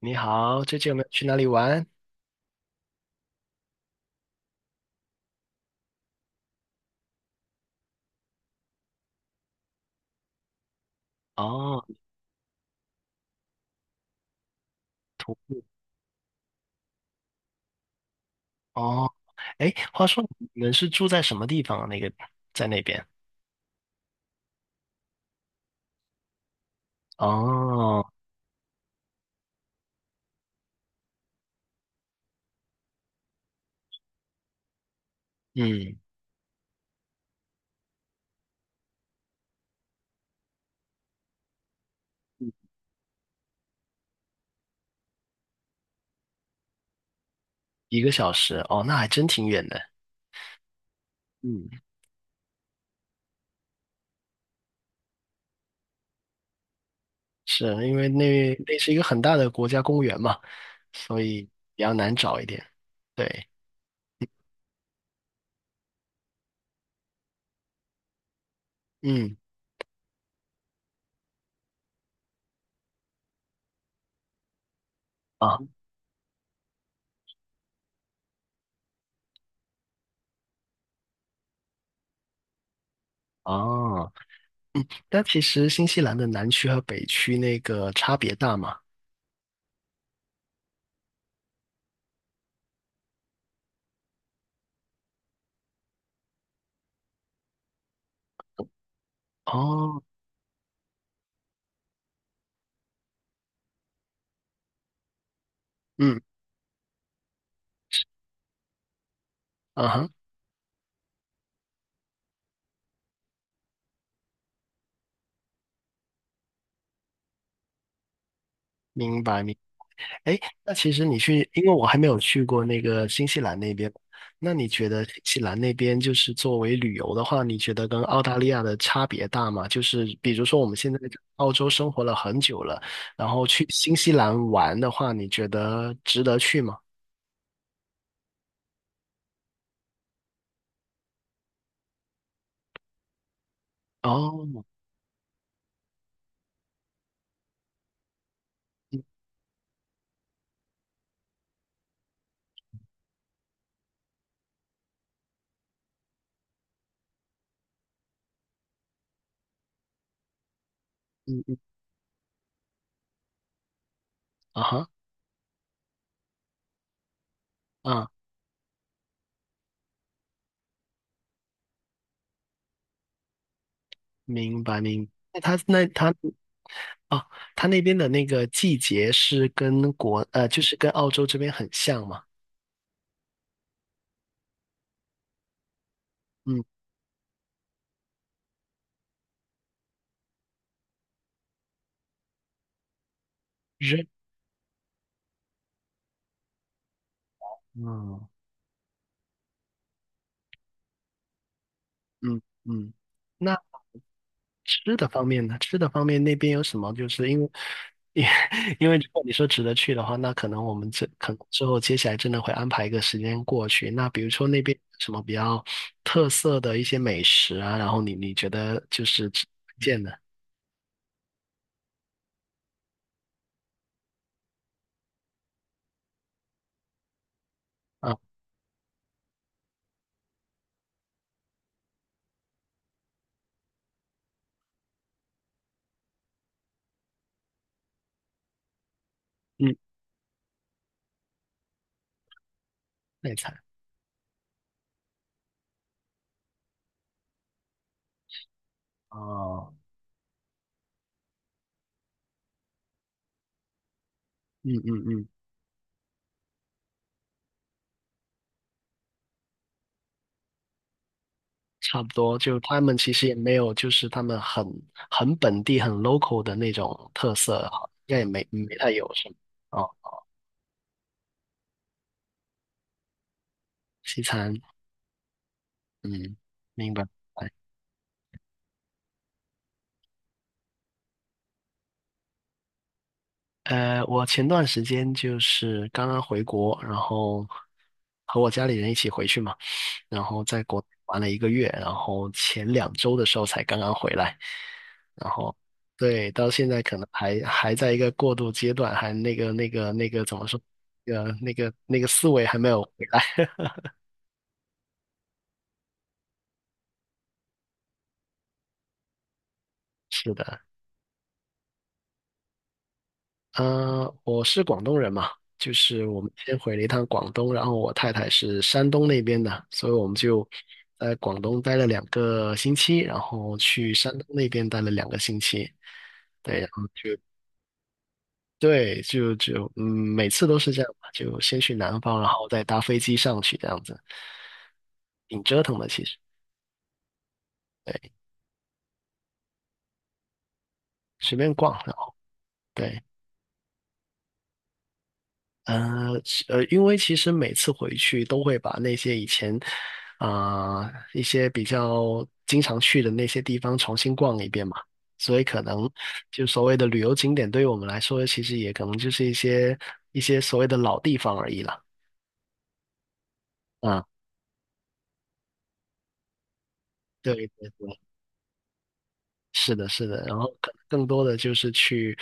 你好，最近有没有去哪里玩？哦，徒步。哦，哎，话说你们是住在什么地方啊？那个在那边？哦，嗯，一个小时。哦，那还真挺远的。嗯，是因为那是一个很大的国家公园嘛，所以比较难找一点。对，嗯，啊，哦，但其实新西兰的南区和北区那个差别大嘛。哦，嗯，嗯哼，明白。哎，那其实你去，因为我还没有去过那个新西兰那边，那你觉得新西兰那边就是作为旅游的话，你觉得跟澳大利亚的差别大吗？就是比如说我们现在在澳洲生活了很久了，然后去新西兰玩的话，你觉得值得去吗？哦，嗯嗯嗯，啊哈，啊，明白。那他哦，他那边的那个季节是就是跟澳洲这边很像吗？嗯，热，嗯。嗯嗯，那吃的方面呢？吃的方面那边有什么？就是因为，因 因为如果你说值得去的话，那可能我们这可能之后接下来真的会安排一个时间过去。那比如说那边有什么比较特色的一些美食啊，然后你觉得就是值得推荐的啊？嗯，内菜哦，嗯嗯嗯，差不多。就他们其实也没有，就是他们很很本地、很 local 的那种特色，应该也没太有什么哦，西餐。嗯，明白。呃，我前段时间就是刚刚回国，然后和我家里人一起回去嘛，然后在国内玩了一个月，然后前两周的时候才刚刚回来，然后对，到现在可能还在一个过渡阶段，还那个怎么说，那个思维还没有回来。是的。我是广东人嘛，就是我们先回了一趟广东，然后我太太是山东那边的，所以我们就在广东待了两个星期，然后去山东那边待了两个星期。对对，就嗯，每次都是这样嘛就先去南方，然后再搭飞机上去，这样子挺折腾的，其实。对，随便逛，然后对。因为其实每次回去都会把那些以前啊、一些比较经常去的那些地方重新逛一遍嘛，所以可能就所谓的旅游景点，对于我们来说，其实也可能就是一些所谓的老地方而已了。啊，对对对，是的，是的，然后可能更多的就是去，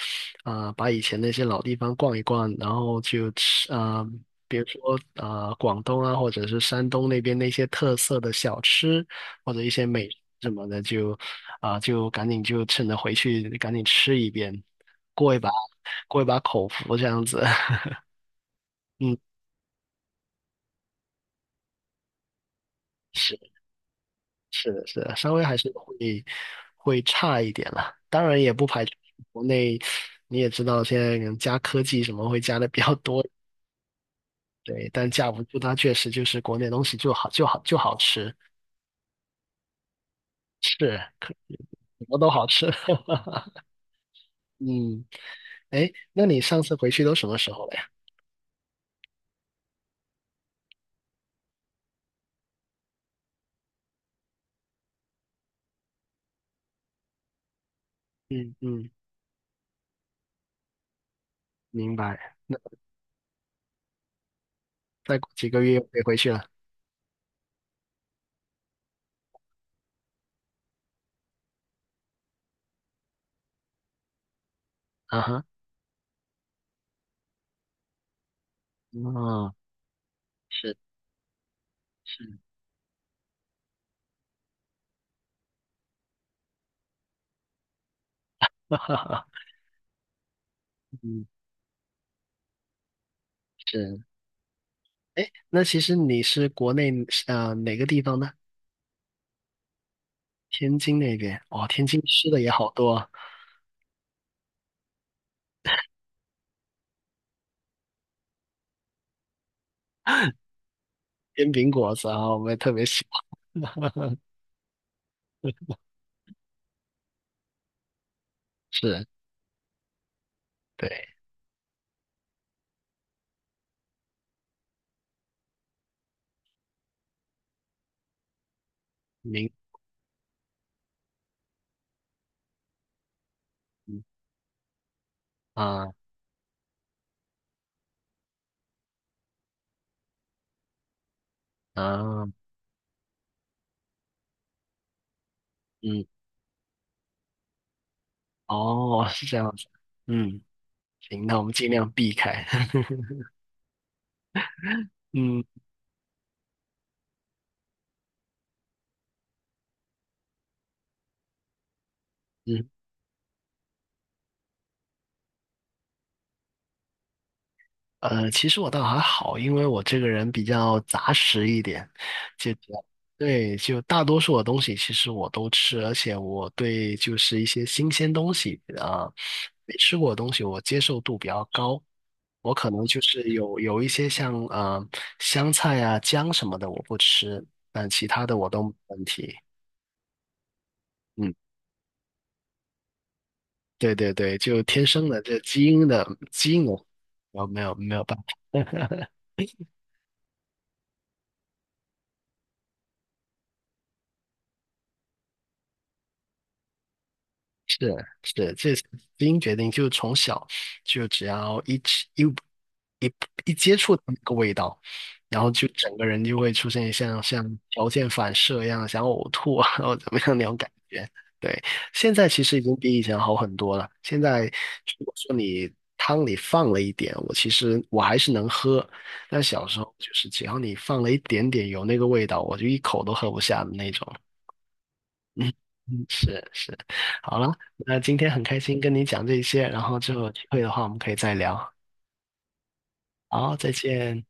啊、把以前那些老地方逛一逛，然后就吃，啊、比如说啊、广东啊，或者是山东那边那些特色的小吃，或者一些美食什么的，就啊、就赶紧就趁着回去赶紧吃一遍，过一把过一把口福这样子，嗯。是。是的，是的，稍微还是会会差一点了。当然也不排除国内，你也知道现在可能加科技什么会加的比较多，对，但架不住它确实就是国内东西就好吃，是，可什么都好吃。嗯，哎，那你上次回去都什么时候了呀？嗯嗯，明白。那再过几个月又可以回去了。啊哈，哦，是是，哈哈哈，嗯是。哎，那其实你是国内哪个地方呢？天津那边，哦，天津吃的也好多啊煎饼果子啊，我也特别喜欢。是，对，明，嗯啊啊，嗯，哦，是这样子，嗯，行，那我们尽量避开。嗯嗯，其实我倒还好，因为我这个人比较杂食一点，就比较对，就大多数的东西其实我都吃，而且我对就是一些新鲜东西啊，没吃过的东西我接受度比较高。我可能就是有一些像香菜啊、姜什么的我不吃，但其他的我都没问题。嗯，对对对，就天生的这基因的基因我没有办是是，这是基因决定，就从小就只要一吃一一一接触到那个味道，然后就整个人就会出现像条件反射一样，想呕吐啊，或者怎么样那种感觉。对，现在其实已经比以前好很多了。现在如果说你汤里放了一点，我其实还是能喝，但小时候就是只要你放了一点点有那个味道，我就一口都喝不下的那种。嗯，嗯是是，好了，那今天很开心跟你讲这些，然后之后有机会的话我们可以再聊。好，再见。